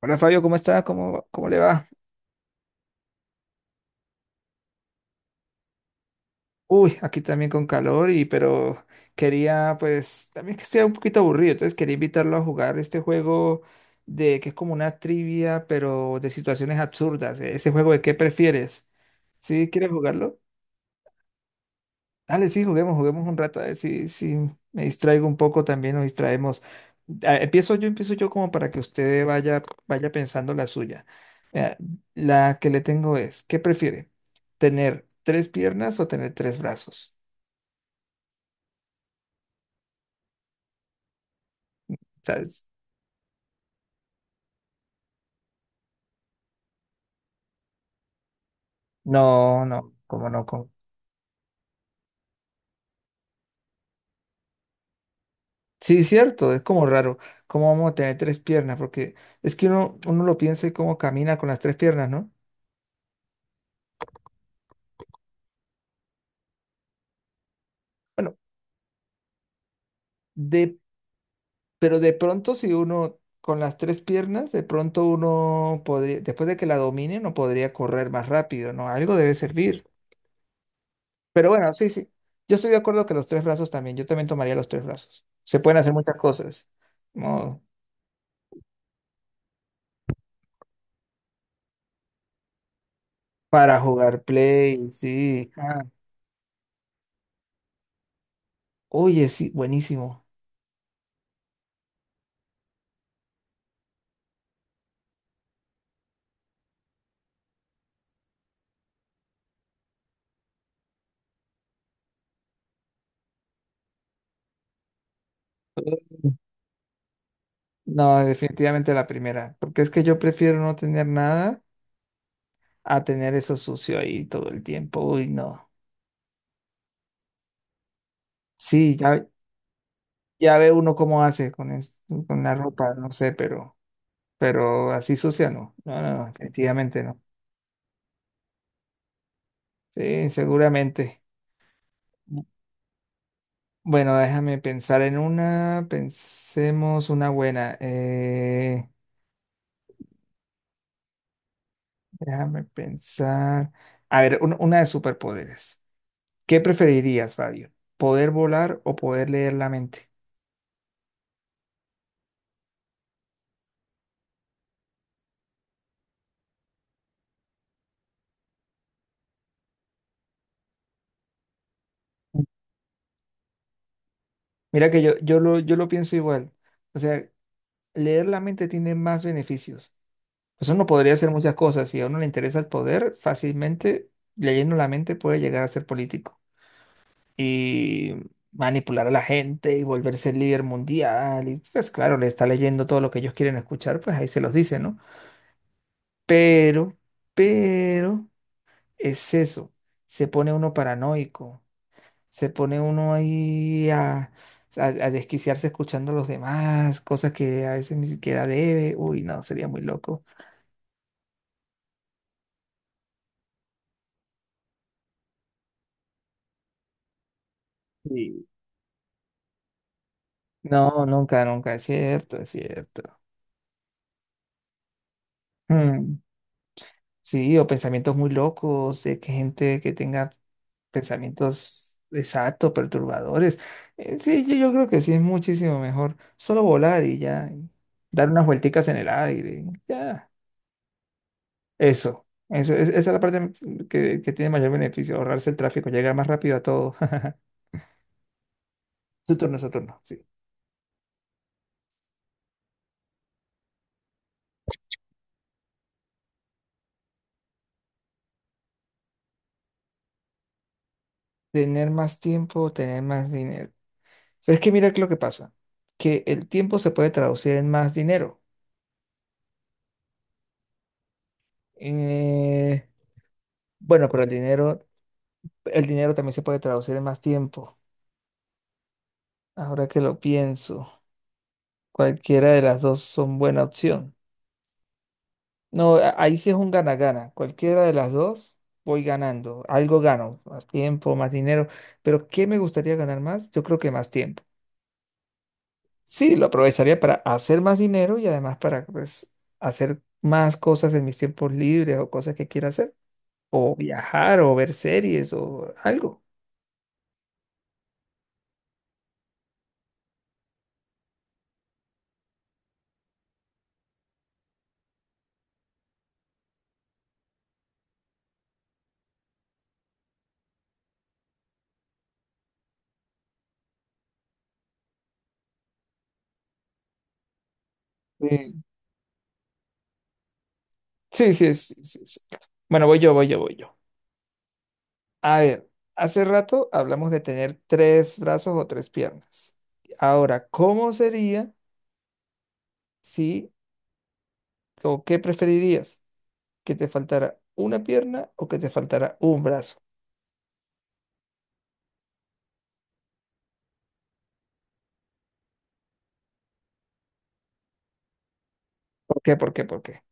Hola Fabio, ¿cómo está? ¿¿Cómo le va? Uy, aquí también con calor y pero quería pues también que estoy un poquito aburrido, entonces quería invitarlo a jugar este juego de que es como una trivia pero de situaciones absurdas, ese juego de qué prefieres. ¿Sí quieres jugarlo? Dale, sí, juguemos, juguemos un rato, a ver si me distraigo un poco también, nos distraemos. Ah, empiezo yo, empiezo yo como para que usted vaya, vaya pensando la suya. Mira, la que le tengo es, ¿qué prefiere? ¿Tener tres piernas o tener tres brazos? O sea, no, no, como no? ¿Cómo? Sí, cierto, es como raro. ¿Cómo vamos a tener tres piernas? Porque es que uno lo piensa y cómo camina con las tres piernas, ¿no? Bueno, pero de pronto si uno con las tres piernas, de pronto uno podría, después de que la domine, no podría correr más rápido, ¿no? Algo debe servir. Pero bueno, sí, sí. Yo estoy de acuerdo que los tres brazos también, yo también tomaría los tres brazos. Se pueden hacer muchas cosas, ¿no? Para jugar play, sí. Ah, oye, sí, buenísimo. No, definitivamente la primera, porque es que yo prefiero no tener nada a tener eso sucio ahí todo el tiempo. Uy, no. Sí, ya, ya ve uno cómo hace con, con la ropa, no sé, pero así sucia no. No, no, no, definitivamente no. Sí, seguramente. Bu- Bueno, déjame pensar en una. Pensemos una buena. Déjame pensar. A ver, una de superpoderes. ¿Qué preferirías, Fabio? ¿Poder volar o poder leer la mente? Mira que yo, yo lo pienso igual. O sea, leer la mente tiene más beneficios. Pues uno podría hacer muchas cosas. Si a uno le interesa el poder, fácilmente, leyendo la mente, puede llegar a ser político y manipular a la gente y volverse el líder mundial. Y pues claro, le está leyendo todo lo que ellos quieren escuchar, pues ahí se los dice, ¿no? Pero, pero, es eso. Se pone uno paranoico, se pone uno ahí a desquiciarse escuchando a los demás, cosas que a veces ni siquiera debe. Uy, no, sería muy loco. No, nunca, nunca, es cierto, es cierto. Mm, sí, o pensamientos muy locos, de que gente que tenga pensamientos exactos, perturbadores. Sí, yo, yo creo que sí es muchísimo mejor. Solo volar y ya, y dar unas vuelticas en el aire, y ya. Eso, esa es la parte que tiene mayor beneficio, ahorrarse el tráfico, llegar más rápido a todo. Su turno, sí. Tener más tiempo, tener más dinero. Pero es que mira que lo que pasa, que el tiempo se puede traducir en más dinero. Eh, bueno, pero el dinero también se puede traducir en más tiempo. Ahora que lo pienso, cualquiera de las dos son buena opción. No, ahí sí es un gana-gana. Cualquiera de las dos voy ganando. Algo gano, más tiempo, más dinero. Pero ¿qué me gustaría ganar más? Yo creo que más tiempo. Sí, lo aprovecharía para hacer más dinero y además para pues, hacer más cosas en mis tiempos libres o cosas que quiera hacer. O viajar, o ver series, o algo. Sí, sí, sí, sí, sí, sí. Bueno, voy yo, voy yo, voy yo. A ver, hace rato hablamos de tener tres brazos o tres piernas. Ahora, ¿cómo sería si, o qué preferirías? ¿Que te faltara una pierna o que te faltara un brazo? ¿Por qué? ¿Por qué? ¿Por qué?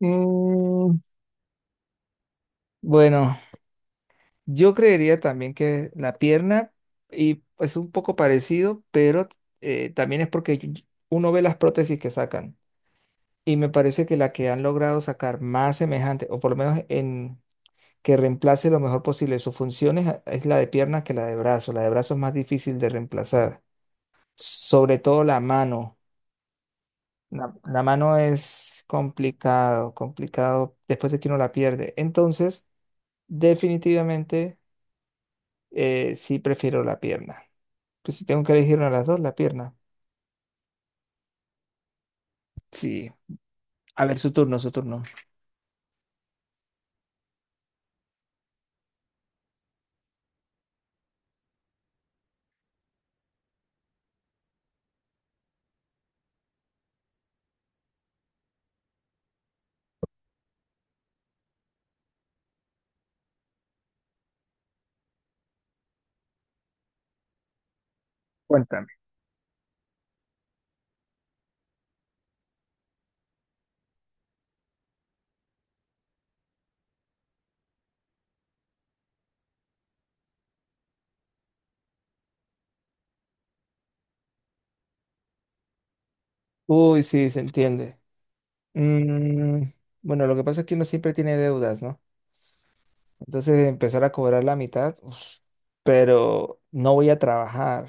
Mm, bueno. Yo creería también que la pierna y es un poco parecido, pero también es porque uno ve las prótesis que sacan y me parece que la que han logrado sacar más semejante, o por lo menos en que reemplace lo mejor posible sus funciones, es la de pierna que la de brazo. La de brazo es más difícil de reemplazar, sobre todo la mano. La mano es complicado, complicado después de que uno la pierde. Entonces, definitivamente... sí, prefiero la pierna. Pues si tengo que elegir una de las dos, la pierna. Sí. A ver, su turno, su turno. Cuéntame. Uy, sí, se entiende. Mm, bueno, lo que pasa es que uno siempre tiene deudas, ¿no? Entonces empezar a cobrar la mitad, uf, pero no voy a trabajar.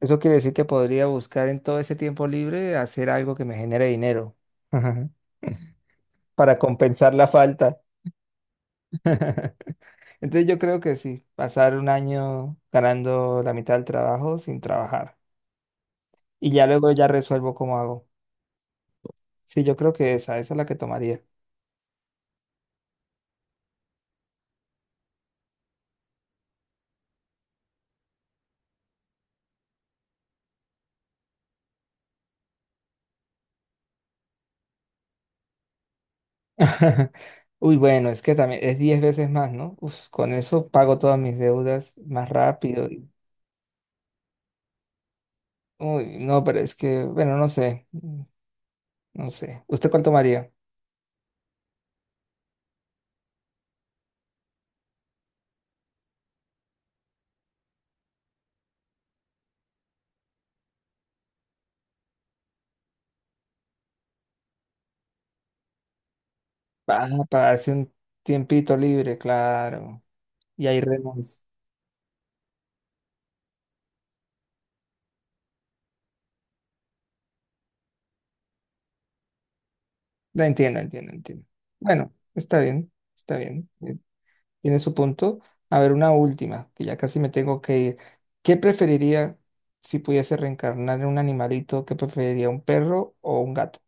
Eso quiere decir que podría buscar en todo ese tiempo libre hacer algo que me genere dinero para compensar la falta. Entonces yo creo que sí, pasar un año ganando la mitad del trabajo sin trabajar. Y ya luego ya resuelvo cómo hago. Sí, yo creo que esa es la que tomaría. Uy, bueno, es que también es 10 veces más, ¿no? Uf, con eso pago todas mis deudas más rápido. Uy, no, pero es que, bueno, no sé, mm, no sé. ¿Usted cuánto tomaría? Ah, para darse un tiempito libre, claro. Y ahí renuncia. La entiendo, entiendo, entiendo. Bueno, está bien, está bien. Tiene su punto. A ver, una última, que ya casi me tengo que ir. ¿Qué preferiría si pudiese reencarnar en un animalito? ¿Qué preferiría, un perro o un gato?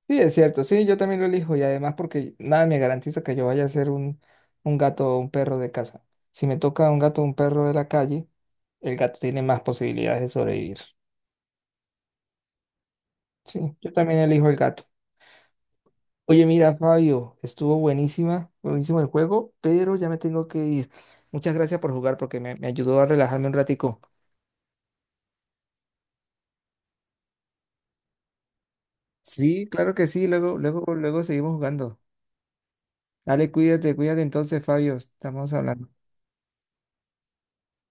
Sí, es cierto, sí, yo también lo elijo y además porque nada me garantiza que yo vaya a ser un gato o un perro de casa. Si me toca un gato o un perro de la calle, el gato tiene más posibilidades de sobrevivir. Sí, yo también elijo el gato. Oye, mira, Fabio, estuvo buenísima, buenísimo el juego, pero ya me tengo que ir. Muchas gracias por jugar porque me ayudó a relajarme un ratico. Sí, claro que sí. Luego, luego, luego seguimos jugando. Dale, cuídate, cuídate entonces, Fabio. Estamos hablando.